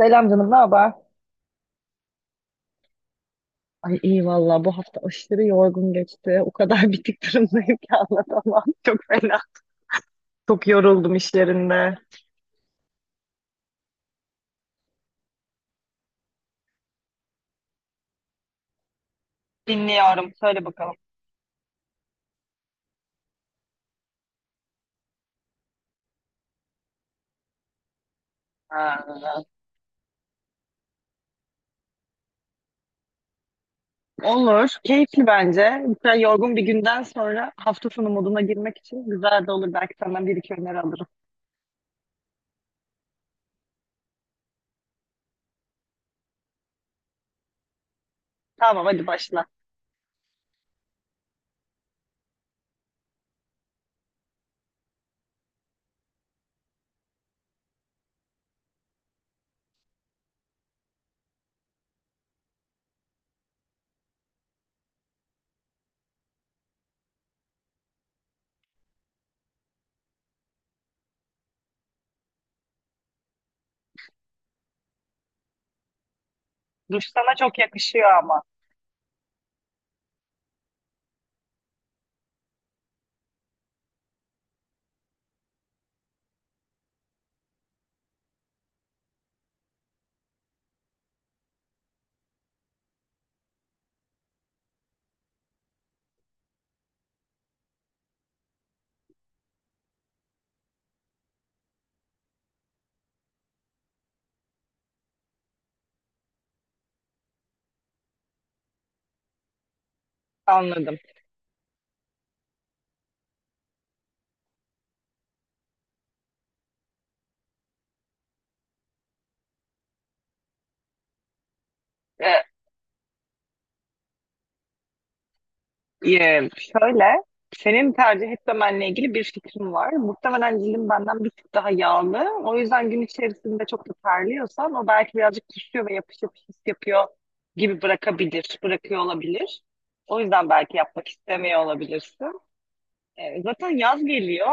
Selam canım, ne haber? Ay iyi valla bu hafta aşırı yorgun geçti. O kadar bitik durumdayım ki anlatamam. Çok fena. Çok yoruldum işlerinde. Dinliyorum. Söyle bakalım. Ha. Olur. Keyifli bence. Mesela yorgun bir günden sonra hafta sonu moduna girmek için güzel de olur. Belki senden bir iki öneri alırım. Tamam hadi başla. Duş sana çok yakışıyor ama. Anladım. Şöyle, senin tercih etmemenle ilgili bir fikrim var. Muhtemelen cildin benden bir tık daha yağlı. O yüzden gün içerisinde çok da terliyorsan o belki birazcık düşüyor ve yapış yapış his yapıyor gibi bırakabilir, bırakıyor olabilir. O yüzden belki yapmak istemiyor olabilirsin. Zaten yaz geliyor.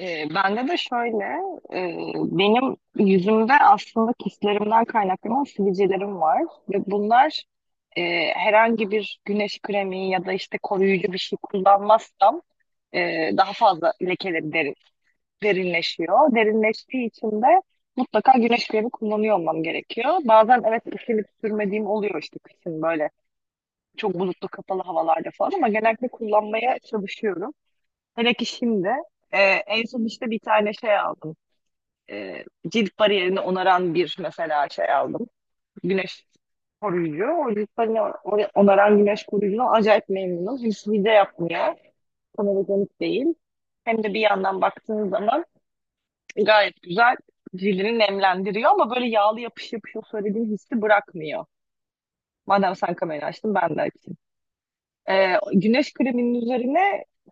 Bende de şöyle, e, benim yüzümde aslında kistlerimden kaynaklanan sivilcelerim var ve bunlar e, herhangi bir güneş kremi ya da işte koruyucu bir şey kullanmazsam daha fazla lekeleri derinleşiyor. Derinleştiği için de mutlaka güneş kremi kullanıyor olmam gerekiyor. Bazen evet üşenip sürmediğim oluyor işte kışın böyle çok bulutlu kapalı havalarda falan ama genellikle kullanmaya çalışıyorum. Hele ki şimdi. Ee, En son işte bir tane şey aldım. e, Cilt bariyerini onaran bir mesela şey aldım. Güneş koruyucu. O cilt bariyerini onaran güneş koruyucuna acayip memnunum. Hiç hile yapmıyor. Fotojenik değil. Hem de bir yandan baktığınız zaman gayet güzel cildini nemlendiriyor ama böyle yağlı yapış yapış o söylediğim hissi bırakmıyor. Madem sen kamerayı açtın ben de açayım. Güneş kreminin üzerine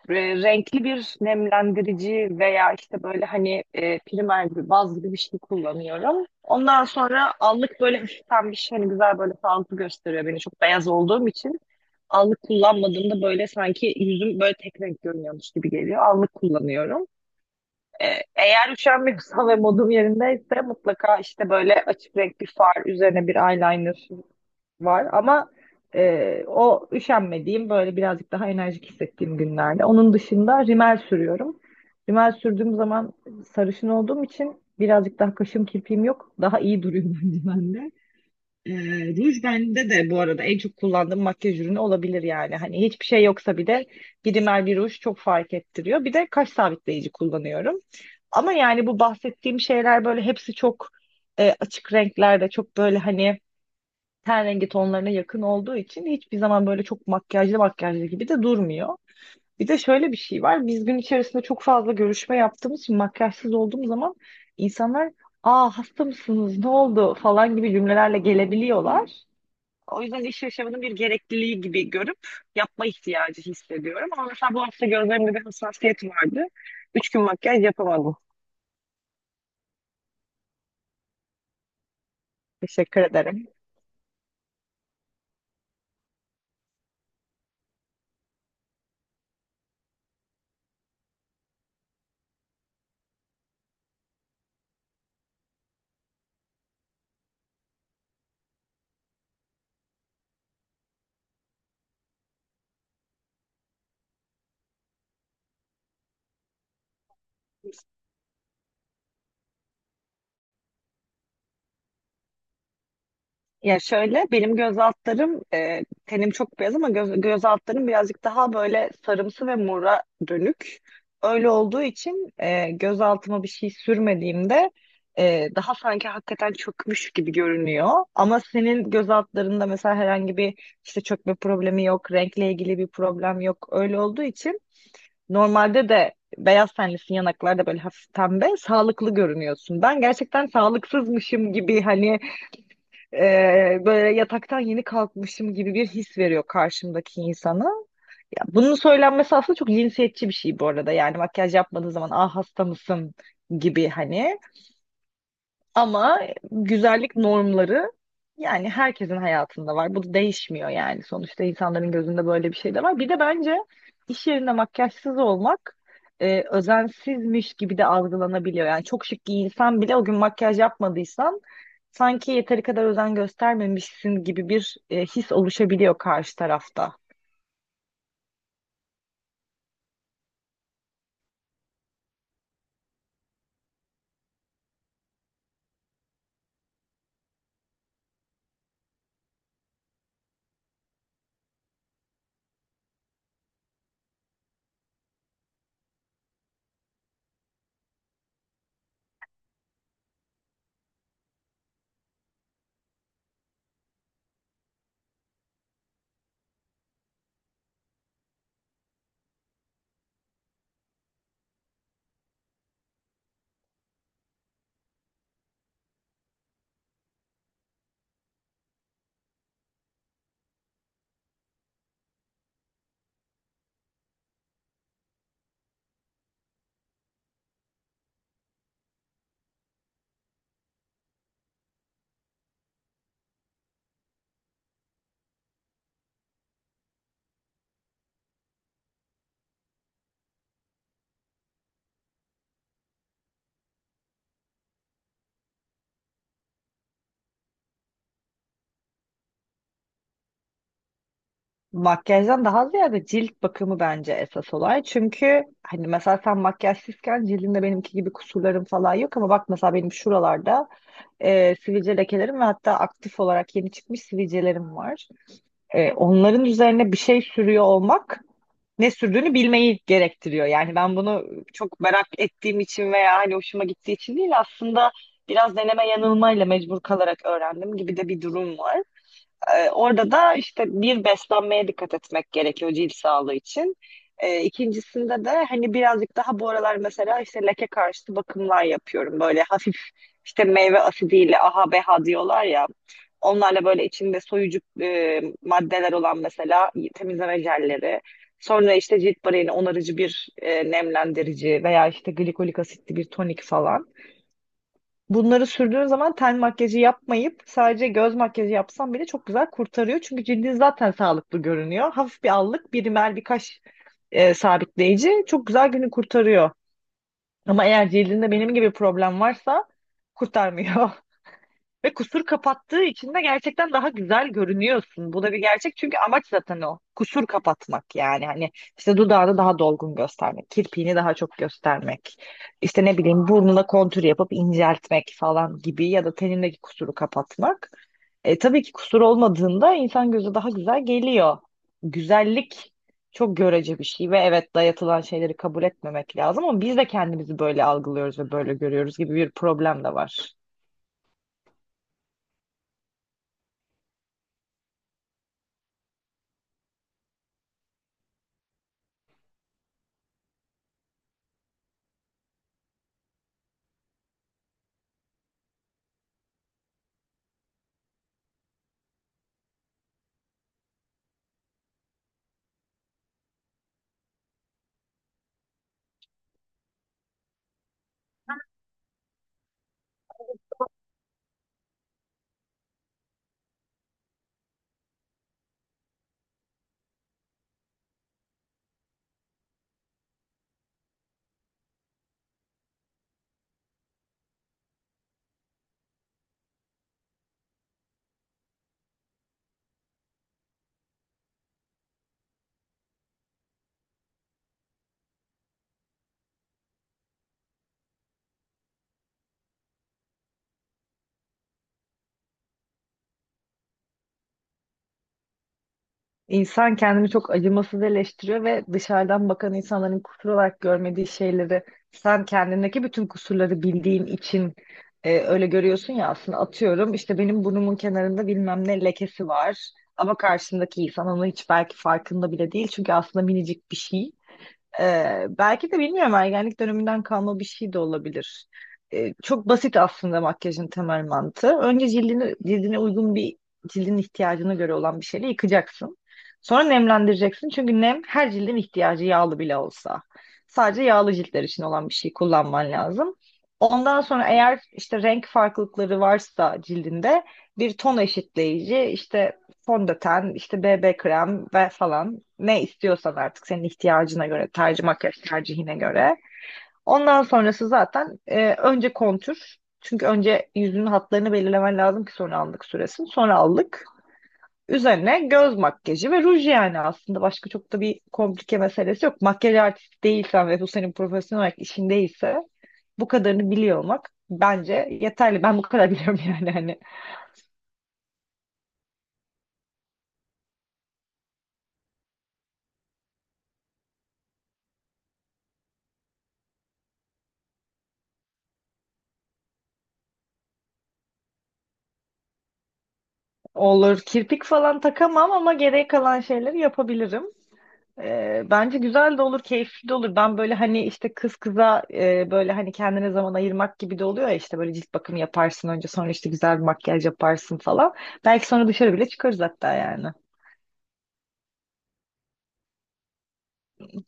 e, renkli bir nemlendirici veya işte böyle hani primer gibi baz gibi bir şey kullanıyorum. Ondan sonra allık böyle hafiften bir şey hani güzel böyle sağlıklı gösteriyor beni çok beyaz olduğum için. Allık kullanmadığımda böyle sanki yüzüm böyle tek renk görünüyormuş gibi geliyor. Allık kullanıyorum. Ee, Eğer üşenmiyorsam ve modum yerindeyse mutlaka işte böyle açık renk bir far üzerine bir eyeliner var ama o üşenmediğim böyle birazcık daha enerjik hissettiğim günlerde. Onun dışında rimel sürüyorum. Rimel sürdüğüm zaman sarışın olduğum için birazcık daha kaşım kirpiğim yok. Daha iyi duruyor bence bende. E, Ruj bende de bu arada en çok kullandığım makyaj ürünü olabilir yani. Hani hiçbir şey yoksa bir de bir rimel bir ruj çok fark ettiriyor. Bir de kaş sabitleyici kullanıyorum. Ama yani bu bahsettiğim şeyler böyle hepsi çok açık renklerde çok böyle hani ten rengi tonlarına yakın olduğu için hiçbir zaman böyle çok makyajlı makyajlı gibi de durmuyor. Bir de şöyle bir şey var. Biz gün içerisinde çok fazla görüşme yaptığımız için makyajsız olduğum zaman insanlar "Aa hasta mısınız? Ne oldu?" falan gibi cümlelerle gelebiliyorlar. O yüzden iş yaşamının bir gerekliliği gibi görüp yapma ihtiyacı hissediyorum. Ama mesela bu hafta gözlerimde bir hassasiyet vardı. Üç gün makyaj yapamadım. Teşekkür ederim. Ya şöyle benim göz altlarım tenim çok beyaz ama göz altlarım birazcık daha böyle sarımsı ve mora dönük. Öyle olduğu için göz altıma bir şey sürmediğimde daha sanki hakikaten çökmüş gibi görünüyor. Ama senin göz altlarında mesela herhangi bir işte çökme problemi yok, renkle ilgili bir problem yok. Öyle olduğu için normalde de beyaz tenlisin yanaklarda böyle hafif pembe sağlıklı görünüyorsun. Ben gerçekten sağlıksızmışım gibi hani böyle yataktan yeni kalkmışım gibi bir his veriyor karşımdaki insana. Ya, bunun söylenmesi aslında çok cinsiyetçi bir şey bu arada. Yani makyaj yapmadığın zaman ah hasta mısın gibi hani. Ama güzellik normları yani herkesin hayatında var. Bu da değişmiyor yani. Sonuçta insanların gözünde böyle bir şey de var. Bir de bence iş yerinde makyajsız olmak özensizmiş gibi de algılanabiliyor. Yani çok şık giyinsen bile o gün makyaj yapmadıysan sanki yeteri kadar özen göstermemişsin gibi bir his oluşabiliyor karşı tarafta. Makyajdan daha ziyade cilt bakımı bence esas olay. Çünkü hani mesela sen makyajsızken cildinde benimki gibi kusurlarım falan yok ama bak mesela benim şuralarda sivilce lekelerim ve hatta aktif olarak yeni çıkmış sivilcelerim var. Onların üzerine bir şey sürüyor olmak ne sürdüğünü bilmeyi gerektiriyor. Yani ben bunu çok merak ettiğim için veya hani hoşuma gittiği için değil aslında biraz deneme yanılmayla mecbur kalarak öğrendim gibi de bir durum var. Orada da işte bir beslenmeye dikkat etmek gerekiyor cilt sağlığı için. İkincisinde de hani birazcık daha bu aralar mesela işte leke karşıtı bakımlar yapıyorum. Böyle hafif işte meyve asidiyle AHA BHA diyorlar ya. Onlarla böyle içinde soyucu maddeler olan mesela temizleme jelleri. Sonra işte cilt bariyeri onarıcı bir nemlendirici veya işte glikolik asitli bir tonik falan. Bunları sürdüğün zaman ten makyajı yapmayıp sadece göz makyajı yapsan bile çok güzel kurtarıyor. Çünkü cildin zaten sağlıklı görünüyor. Hafif bir allık, bir rimel, bir kaş sabitleyici çok güzel günü kurtarıyor. Ama eğer cildinde benim gibi problem varsa kurtarmıyor. Ve kusur kapattığı için de gerçekten daha güzel görünüyorsun. Bu da bir gerçek çünkü amaç zaten o. Kusur kapatmak yani hani işte dudağını daha dolgun göstermek, kirpiğini daha çok göstermek, işte ne bileyim burnuna kontür yapıp inceltmek falan gibi ya da tenindeki kusuru kapatmak. Tabii ki kusur olmadığında insan gözü daha güzel geliyor. Güzellik çok görece bir şey ve evet dayatılan şeyleri kabul etmemek lazım ama biz de kendimizi böyle algılıyoruz ve böyle görüyoruz gibi bir problem de var. İnsan kendini çok acımasız eleştiriyor ve dışarıdan bakan insanların kusur olarak görmediği şeyleri sen kendindeki bütün kusurları bildiğin için öyle görüyorsun ya aslında atıyorum işte benim burnumun kenarında bilmem ne lekesi var ama karşımdaki insan onun hiç belki farkında bile değil çünkü aslında minicik bir şey. Belki de bilmiyorum ergenlik döneminden kalma bir şey de olabilir. Çok basit aslında makyajın temel mantığı. Önce cildine uygun bir cildin ihtiyacına göre olan bir şeyle yıkacaksın. Sonra nemlendireceksin. Çünkü nem her cildin ihtiyacı yağlı bile olsa. Sadece yağlı ciltler için olan bir şey kullanman lazım. Ondan sonra eğer işte renk farklılıkları varsa cildinde bir ton eşitleyici işte fondöten, işte BB krem ve falan ne istiyorsan artık senin ihtiyacına göre, makyaj tercihine göre. Ondan sonrası zaten önce kontür. Çünkü önce yüzünün hatlarını belirlemen lazım ki sonra aldık süresin. Sonra aldık. Üzerine göz makyajı ve ruj yani aslında başka çok da bir komplike meselesi yok. Makyaj artisti değilsen ve bu senin profesyonel olarak işin değilse bu kadarını biliyor olmak bence yeterli. Ben bu kadar biliyorum yani hani. Olur kirpik falan takamam ama geriye kalan şeyleri yapabilirim. Bence güzel de olur, keyifli de olur. Ben böyle hani işte kız kıza böyle hani kendine zaman ayırmak gibi de oluyor ya işte böyle cilt bakımı yaparsın önce sonra işte güzel bir makyaj yaparsın falan. Belki sonra dışarı bile çıkarız hatta yani.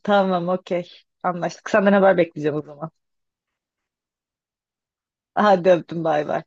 Tamam, okey. Anlaştık. Senden haber bekleyeceğim o zaman. Hadi öptüm, bay bay.